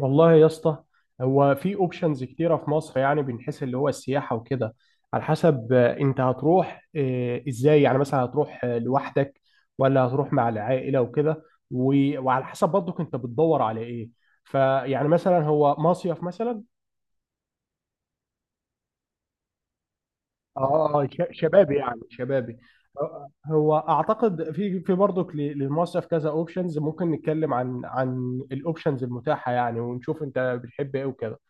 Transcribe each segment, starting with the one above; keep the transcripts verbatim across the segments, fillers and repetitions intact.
والله يا اسطى. هو في اوبشنز كتيره في مصر، يعني بنحس اللي هو السياحه وكده. على حسب آه، انت هتروح آه، ازاي، يعني مثلا هتروح آه، لوحدك ولا هتروح مع العائله وكده. و- وعلى حسب برضك انت بتدور على ايه. فيعني مثلا هو مصيف مثلا. اه آه، ش- شبابي، يعني شبابي. آه، هو اعتقد في في برضك ل- للمصيف كذا اوبشنز. ممكن نتكلم عن عن الاوبشنز المتاحه يعني، ونشوف انت بتحب ايه وكده.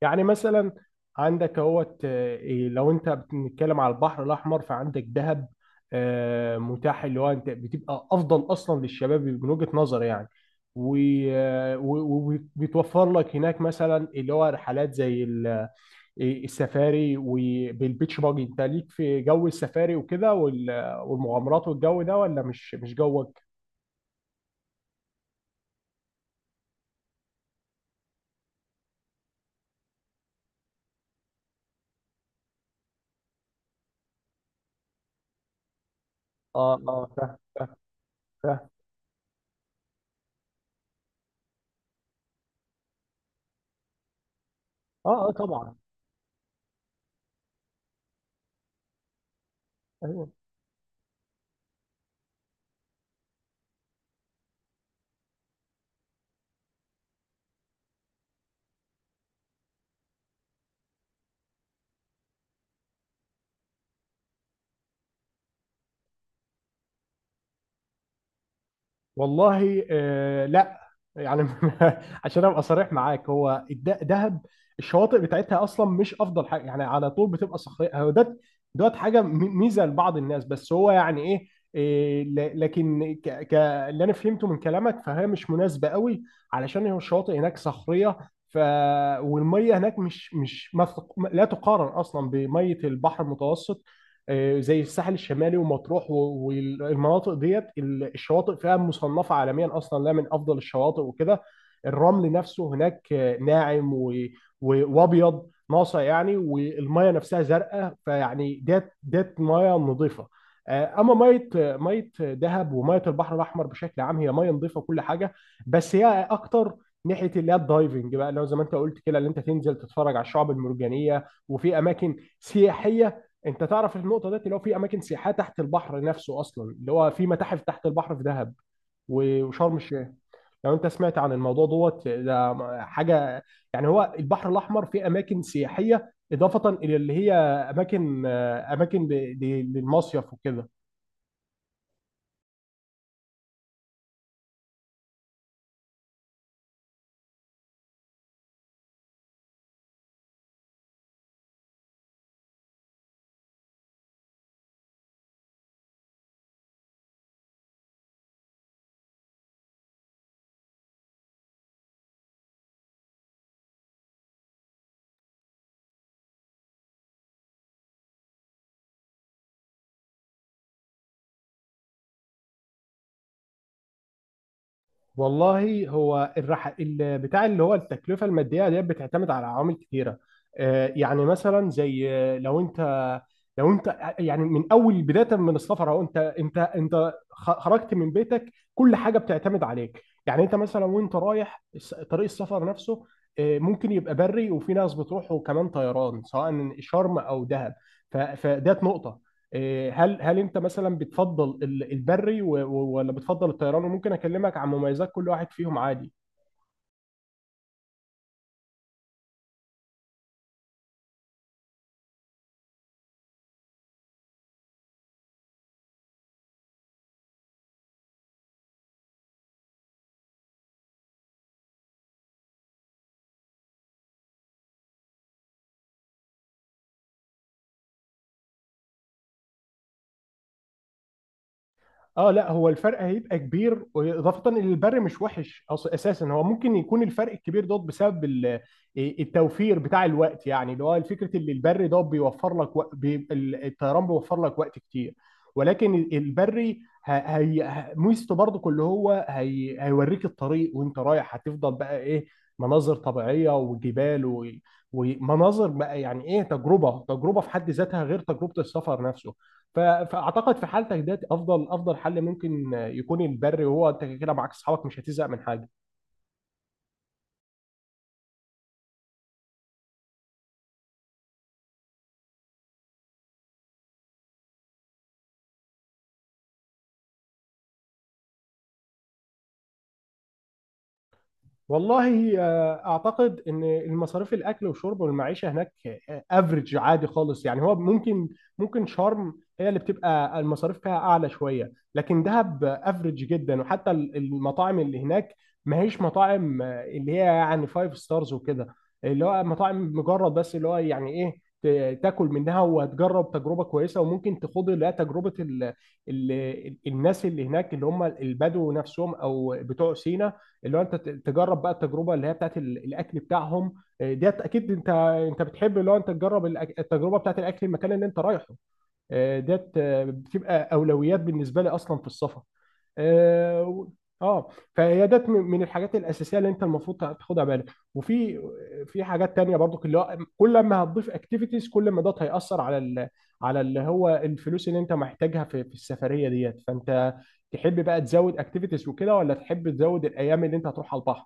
يعني مثلا عندك اهوت آه، إيه، لو انت بنتكلم على البحر الاحمر فعندك دهب. آه، متاح اللي هو انت بتبقى افضل اصلا للشباب من وجهة نظر يعني. و- آه، و- وبيتوفر لك هناك مثلا اللي هو رحلات زي ال- آه، السفاري، وبالبيتش باجي انت ليك في جو السفاري وكده، وال- والمغامرات والجو ده، ولا مش مش جوك؟ اه اه فاهم فاهم فاهم. اه اه طبعا. والله آه لا، يعني عشان ابقى صريح معاك، هو الد- دهب الشواطئ بتاعتها اصلا مش افضل حاجه، يعني على طول بتبقى صخريه. هو ده دوت حاجه م- ميزه لبعض الناس، بس هو يعني ايه، إيه، ل- لكن ك... ك... اللي انا فهمته من كلامك فهي مش مناسبه قوي، علشان هو الشواطئ هناك صخريه. ف والميه هناك مش مش ما تق- لا تقارن اصلا بميه البحر المتوسط. آه، زي الساحل الشمالي ومطروح، و- والمناطق ديت ال- الشواطئ فيها مصنفة عالميا أصلا، لا من أفضل الشواطئ وكده. الرمل نفسه هناك آه، ناعم، و- و- وأبيض ناصع يعني، والمية نفسها زرقاء، فيعني ديت ديت مية نظيفة. آه، اما ميه آه، ميه دهب وميه البحر الاحمر بشكل عام هي ميه نظيفه كل حاجه. بس هي اكتر ناحيه اللي هي الدايفنج بقى، لو زي ما انت قلت كده اللي انت تنزل تتفرج على الشعاب المرجانيه، وفي اماكن سياحيه. انت تعرف النقطه ديت، اللي هو في اماكن سياحيه تحت البحر نفسه اصلا، اللي هو في متاحف تحت البحر في دهب و- وشرم الشيخ. لو انت سمعت عن الموضوع دوت ده حاجه يعني. هو البحر الاحمر فيه اماكن سياحيه اضافه الى اللي هي اماكن آه، اماكن ل- ل- للمصيف وكده. والله، هو الرح... ال- بتاع اللي هو التكلفة المادية ديت بتعتمد على عوامل كتيرة. آه، يعني مثلا زي آه، لو انت لو انت يعني من اول بداية من السفر، اهو انت انت انت خ- خرجت من بيتك كل حاجة بتعتمد عليك. يعني انت مثلا وانت رايح الس- طريق السفر نفسه، آه، ممكن يبقى بري، وفي ناس بتروح وكمان طيران سواء شرم او دهب. ف- فديت نقطة. إيه، هل هل انت مثلا بتفضل ال- البري، و- و- ولا بتفضل الطيران، وممكن اكلمك عن مميزات كل واحد فيهم عادي. اه لا، هو الفرق هيبقى كبير، اضافه ان البر مش وحش اصلا اساسا. هو ممكن يكون الفرق الكبير ده بسبب ال- إيه، التوفير بتاع الوقت، يعني اللي هو فكره ان البر ده بيوفر لك وق- بي- ال- الطيران بيوفر لك وقت كتير. ولكن البري ه- هي ه- ميزته برضك اللي هو هي هيوريك الطريق، وانت رايح هتفضل بقى ايه، مناظر طبيعيه وجبال، و- ومناظر بقى، يعني ايه، تجربه تجربه في حد ذاتها غير تجربه السفر نفسه. ف- فاعتقد في حالتك ده افضل افضل حل ممكن يكون البر، وهو انت كده معاك اصحابك مش هتزهق من حاجه. والله آه، اعتقد ان المصاريف، الاكل والشرب والمعيشه هناك، افريج عادي خالص يعني. هو ممكن، ممكن شرم هي اللي بتبقى المصاريف فيها اعلى شويه، لكن دهب افريج جدا. وحتى ال- المطاعم اللي هناك ما هيش مطاعم آه، اللي هي يعني فايف ستارز وكده، اللي هو مطاعم مجرد بس، اللي هو يعني ايه، ت- تاكل منها وهتجرب تجربه كويسه. وممكن تخوض لا تجربه ال ال الناس اللي هناك اللي هم البدو نفسهم او بتوع سينا، اللي هو انت ت- تجرب بقى التجربه اللي هي بتاعت ال- الاكل بتاعهم. آه، ديت اكيد انت انت بتحب اللي هو انت تجرب الأك- التجربه بتاعت الاكل المكان اللي انت رايحه. آه، ديت آه، بتبقى اولويات بالنسبه لي اصلا في السفر. اه و- آه، فهي ده من من الحاجات الاساسيه اللي انت المفروض تاخدها بالك. وفي في حاجات تانية برضو، اللي هو كل ما هتضيف اكتيفيتيز كل ما ده هيأثر على ال على اللي هو الفلوس اللي انت محتاجها في في السفريه ديت. فانت تحب بقى تزود اكتيفيتيز وكده، ولا تحب تزود الايام اللي انت هتروح على البحر.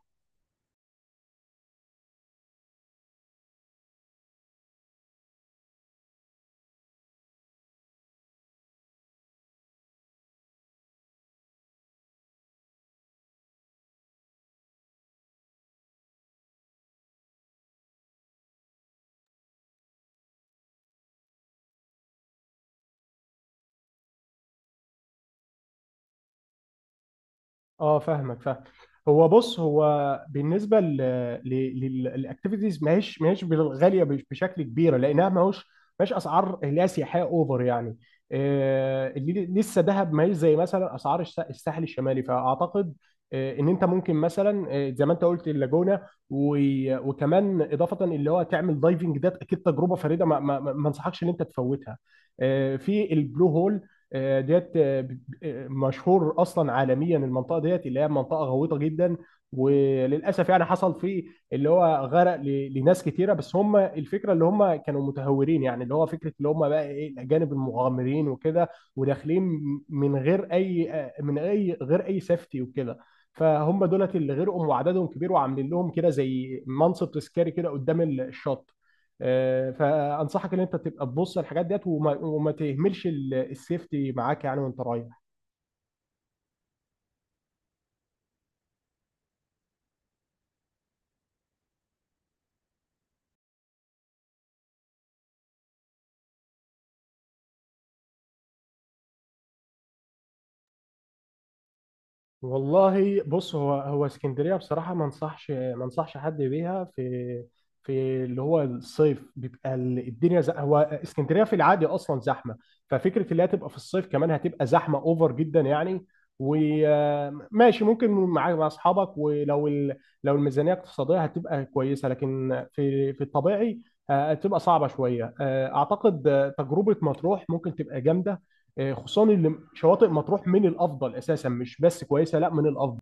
اه فاهمك فاهم. هو بص، هو بالنسبه للاكتيفيتيز ماهيش ماهيش غاليه بش- بشكل كبير، لانها ماهوش ماهيش اسعار اللي هي سياحيه اوفر يعني. آه، اللي لسه دهب ماهيش زي مثلا اسعار الس- الساحل الشمالي. فاعتقد آه، ان انت ممكن مثلا، آه، زي ما انت قلت، اللاجونه، و- وكمان اضافه اللي هو تعمل دايفنج، ده اكيد تجربه فريده ما ما ما- ما انصحكش ان انت تفوتها، آه، في البلو هول. آه، ديت مشهور اصلا عالميا، المنطقه ديت اللي هي منطقه غويطه جدا. وللاسف يعني حصل فيه اللي هو غرق ل- لناس كتيره. بس هم الفكره اللي هم كانوا متهورين، يعني اللي هو فكره اللي هم بقى ايه، الاجانب المغامرين وكده، وداخلين من غير اي آه، من اي غير اي سيفتي وكده. فهم دولت اللي غرقوا، وعددهم كبير، وعاملين لهم كده زي منصب تذكاري كده قدام الشط. آه، فانصحك ان انت تبقى تبص على الحاجات ديت، وما, وما تهملش ال- السيفتي معاك يعني وانت رايح. والله بص، هو هو اسكندريه بصراحه ما انصحش ما انصحش حد بيها في في اللي هو الصيف. بيبقى ال- الدنيا ز... هو اسكندريه في العادي اصلا زحمه، ففكره اللي هي تبقى في الصيف كمان هتبقى زحمه اوفر جدا يعني. وماشي، ممكن مع مع اصحابك ولو ال... لو الميزانيه اقتصاديه هتبقى كويسه، لكن في في الطبيعي آه، هتبقى صعبه شويه. آه، اعتقد آه، تجربه مطروح ممكن تبقى جامده. آه، خصوصا اللي شواطئ مطروح من الافضل، اساسا مش بس كويسه، لا من الافضل.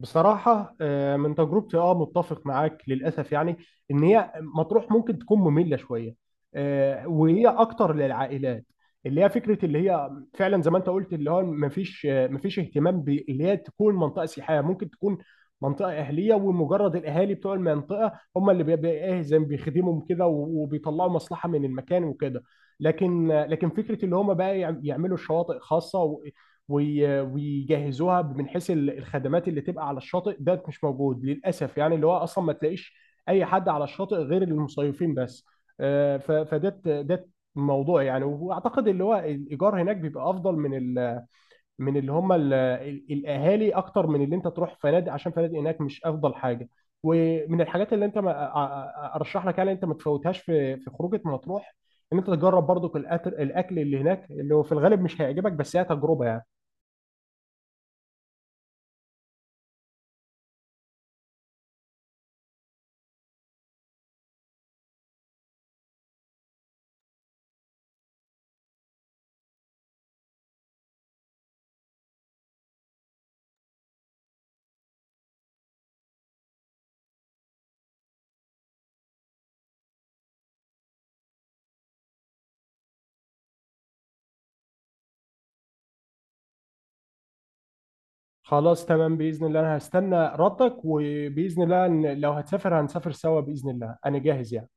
بصراحة آه، من تجربتي اه متفق معاك للأسف يعني، إن هي مطروح ممكن تكون مملة شوية. آه، وهي أكتر للعائلات، اللي هي فكرة اللي هي فعلا زي ما أنت قلت، اللي هو مفيش آه، مفيش اهتمام ب- اللي هي تكون منطقة سياحية. ممكن تكون منطقة أهلية، ومجرد الأهالي بتوع المنطقة هم اللي بيبقى إيه زي ما بيخدمهم كده و- وبيطلعوا مصلحة من المكان وكده. لكن آه، لكن فكرة اللي هم بقى يعم- يعملوا شواطئ خاصة وي- ويجهزوها من حيث ال- الخدمات اللي تبقى على الشاطئ، ده مش موجود للاسف. يعني اللي هو اصلا ما تلاقيش اي حد على الشاطئ غير المصيفين بس. آه، ف- فده ده الموضوع يعني. واعتقد اللي هو الايجار هناك بيبقى افضل من ال من اللي هم ال- ال- الاهالي، اكتر من اللي انت تروح فنادق، عشان فنادق هناك مش افضل حاجه. ومن الحاجات اللي انت ما أ- أ- ارشح لك يعني انت ما تفوتهاش في في خروجه مطروح، ان انت تجرب برضو الأكل اللي هناك، اللي هو في الغالب مش هيعجبك، بس هي تجربه يعني. خلاص تمام، بإذن الله أنا هستنى ردك، وبإذن الله إن لو هتسافر هنسافر سوا. بإذن الله أنا جاهز يعني.